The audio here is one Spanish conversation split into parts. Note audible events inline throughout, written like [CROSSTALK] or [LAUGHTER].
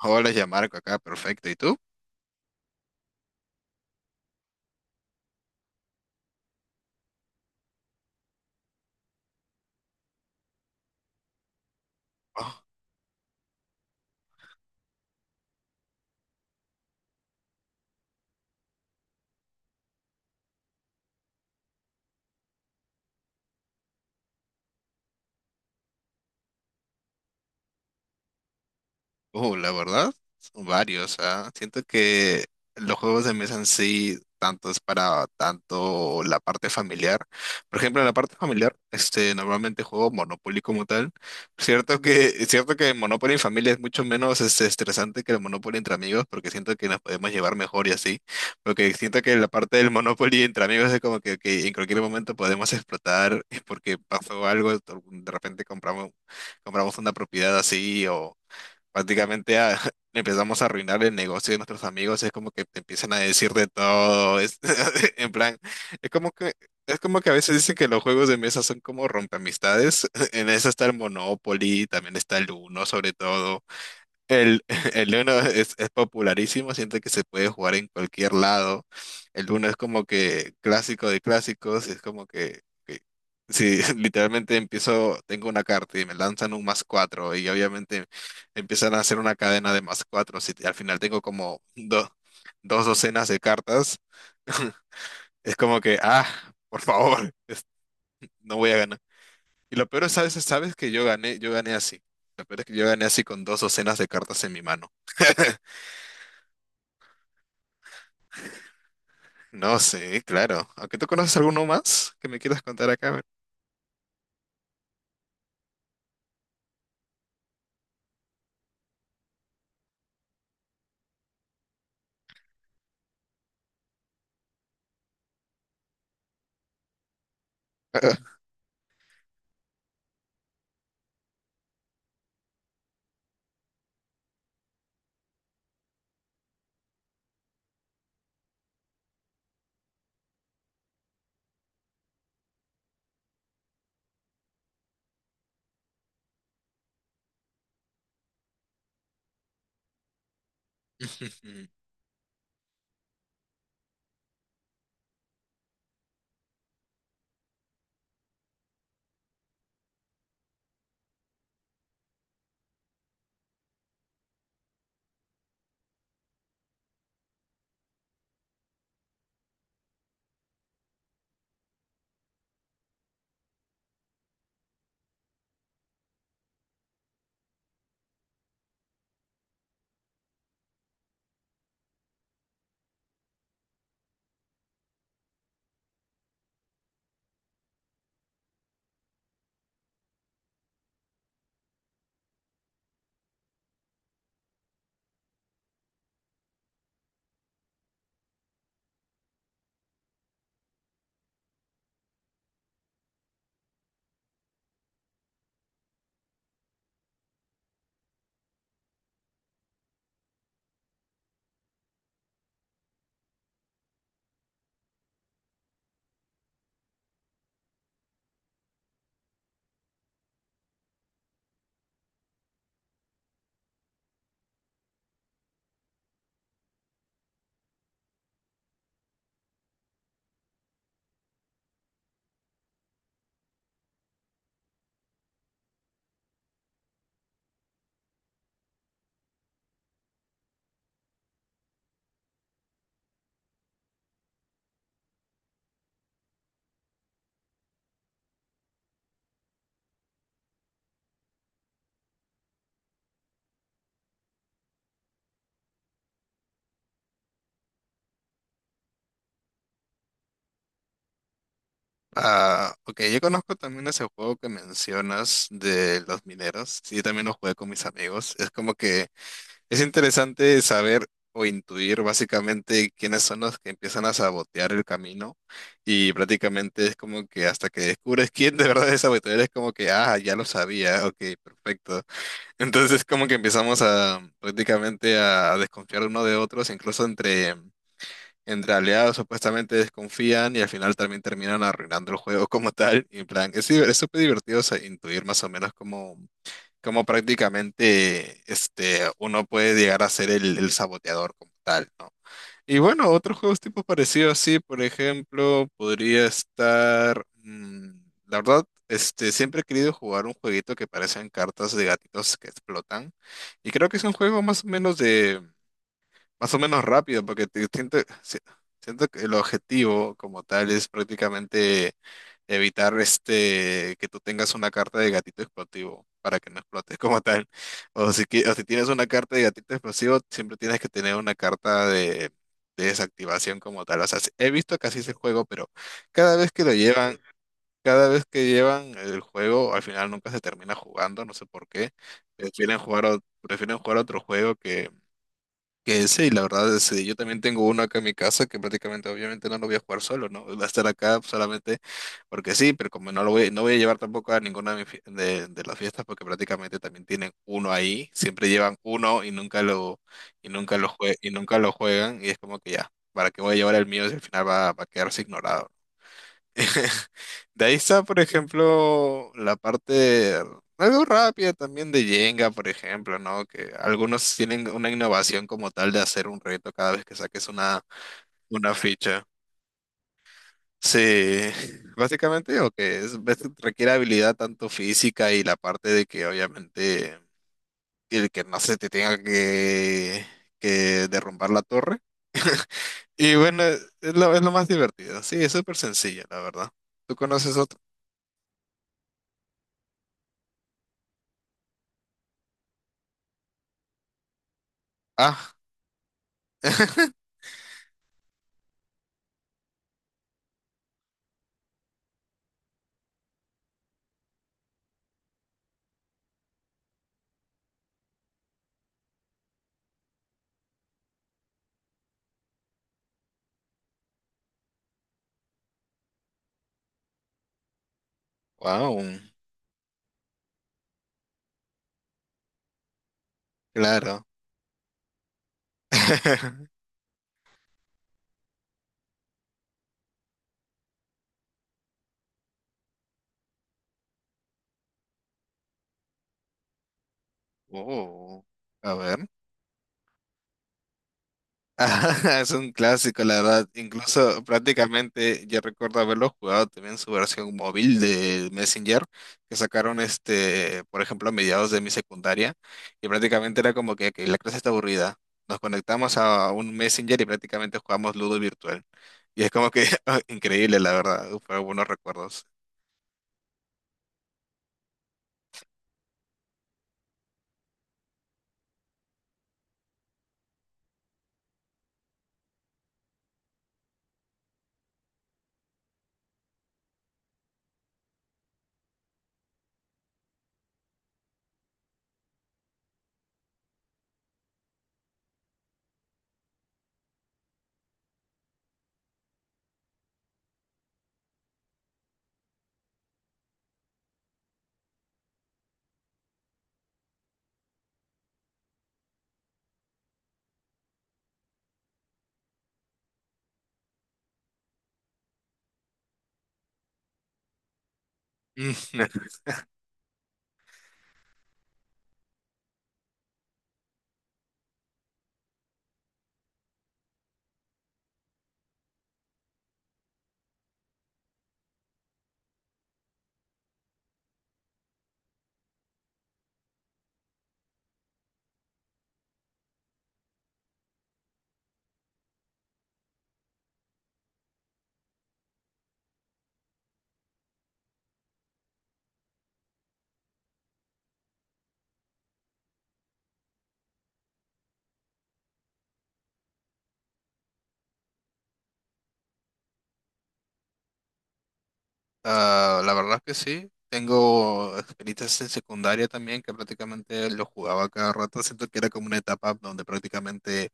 Hola, ya Marco acá, perfecto. ¿Y tú? Oh. Oh, la verdad, son varios, ah. Siento que los juegos de mesa en sí, tanto es para tanto la parte familiar. Por ejemplo, la parte familiar, normalmente juego Monopoly como tal. Es cierto que Monopoly en familia es mucho menos estresante que el Monopoly entre amigos, porque siento que nos podemos llevar mejor y así. Porque siento que la parte del Monopoly entre amigos es como que en cualquier momento podemos explotar, es porque pasó algo, de repente compramos una propiedad así o, prácticamente [LAUGHS] empezamos a arruinar el negocio de nuestros amigos, es como que te empiezan a decir de todo, [LAUGHS] en plan, es como que, es como que a veces dicen que los juegos de mesa son como rompeamistades, [LAUGHS] en eso está el Monopoly, también está el Uno sobre todo, el, [LAUGHS] el Uno es popularísimo, siento que se puede jugar en cualquier lado. El Uno es como que clásico de clásicos, es como que si [LAUGHS] literalmente empiezo, tengo una carta y me lanzan un más cuatro y obviamente empiezan a hacer una cadena de más cuatro, si al final tengo como dos docenas de cartas, [LAUGHS] es como que, ah, por favor, [LAUGHS] no voy a ganar. Y lo peor es, ¿sabes? ¿Sabes que yo gané? Yo gané así. Lo peor es que yo gané así con dos docenas de cartas en mi mano. [LAUGHS] No sé, claro. Aunque tú conoces alguno más que me quieras contar acá. [LAUGHS] Ah, ok, yo conozco también ese juego que mencionas de los mineros. Sí, también lo jugué con mis amigos. Es como que es interesante saber o intuir básicamente quiénes son los que empiezan a sabotear el camino. Y prácticamente es como que hasta que descubres quién de verdad es saboteador, es como que, ah, ya lo sabía, ok, perfecto. Entonces como que empezamos a prácticamente a, desconfiar uno de otros, incluso entre aliados supuestamente desconfían y al final también terminan arruinando el juego como tal. Y en plan, es súper divertido o sea, intuir más o menos cómo prácticamente uno puede llegar a ser el saboteador como tal, ¿no? Y bueno, otros juegos tipo parecido así, por ejemplo, podría estar, la verdad, siempre he querido jugar un jueguito que parecen cartas de gatitos que explotan. Y creo que es un juego más o menos rápido, porque siento, si- siento que el objetivo como tal es prácticamente evitar que tú tengas una carta de gatito explosivo para que no explotes [LAUGHS] como tal. O si tienes una carta de gatito explosivo, siempre tienes que tener una carta de desactivación como tal. O sea, sí, he visto que así es el juego, pero cada vez que lo llevan, cada vez que llevan el juego, al final nunca se termina jugando, no sé por qué. Prefieren jugar otro juego que sí, la verdad sí yo también tengo uno acá en mi casa que prácticamente obviamente no lo voy a jugar solo, ¿no? Va a estar acá solamente porque sí, pero como no voy a llevar tampoco a ninguna de, mis fie- de las fiestas porque prácticamente también tienen uno ahí, siempre llevan uno y nunca lo juegan y es como que ya, ¿para qué voy a llevar el mío si al final va a quedarse ignorado? [LAUGHS] De ahí está, por ejemplo, la parte algo rápida también de Jenga, por ejemplo, ¿no? Que algunos tienen una innovación como tal de hacer un reto cada vez que saques una ficha. Sí, [LAUGHS] básicamente, o que es, ves, requiere habilidad tanto física y la parte de que obviamente el que no se te tenga que derrumbar la torre. Y bueno, es lo más divertido. Sí, es súper sencillo, la verdad. ¿Tú conoces otro? Ah. [LAUGHS] Wow, claro. [LAUGHS] Oh, a ver. [LAUGHS] Es un clásico, la verdad. Incluso prácticamente yo recuerdo haberlo jugado también en su versión móvil de Messenger, que sacaron por ejemplo, a mediados de mi secundaria. Y prácticamente era como que la clase está aburrida. Nos conectamos a un Messenger y prácticamente jugamos Ludo virtual. Y es como que [LAUGHS] increíble, la verdad. Fue buenos recuerdos. [LAUGHS] Ah, la verdad que sí. Tengo experiencias en secundaria también que prácticamente lo jugaba cada rato. Siento que era como una etapa donde prácticamente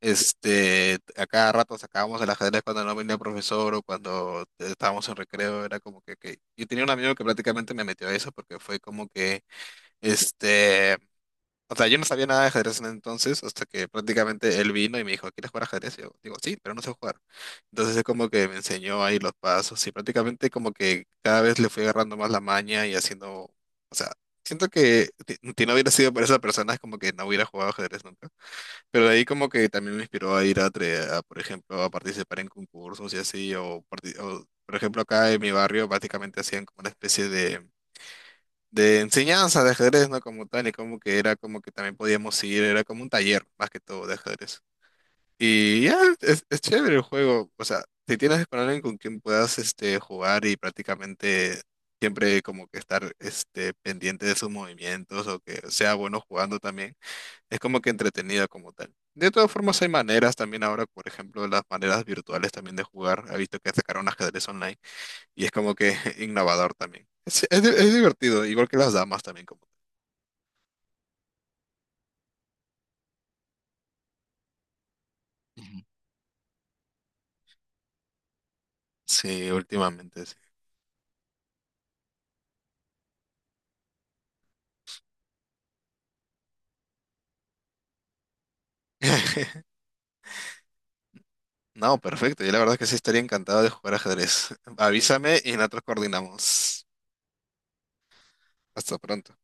a cada rato sacábamos el ajedrez cuando no venía el profesor o cuando estábamos en recreo. Era como que- Yo tenía un amigo que prácticamente me metió a eso porque fue como que este, o sea, yo no sabía nada de ajedrez en entonces, hasta que prácticamente él vino y me dijo, ¿quieres jugar ajedrez? Y yo digo, sí, pero no sé jugar. Entonces es como que me enseñó ahí los pasos y prácticamente como que cada vez le fui agarrando más la maña y haciendo, o sea, siento que si no hubiera sido por esa persona es como que no hubiera jugado ajedrez nunca. Pero de ahí como que también me inspiró a ir a, por ejemplo, a participar en concursos y así, o, por ejemplo acá en mi barrio prácticamente hacían como una especie de enseñanza de ajedrez, ¿no? Como tal, y como que era como que también podíamos ir, era como un taller más que todo de ajedrez. Y ya, es chévere el juego, o sea, si tienes con alguien con quien puedas jugar y prácticamente siempre como que estar pendiente de sus movimientos o que sea bueno jugando también, es como que entretenido como tal. De todas formas, hay maneras también ahora, por ejemplo, las maneras virtuales también de jugar. He visto que sacaron ajedrez online y es como que [LAUGHS] innovador también. Es divertido, igual que las damas también. Como Sí, últimamente sí. [LAUGHS] No, perfecto. Yo la verdad que sí estaría encantado de jugar ajedrez. Avísame y nosotros coordinamos. Hasta pronto.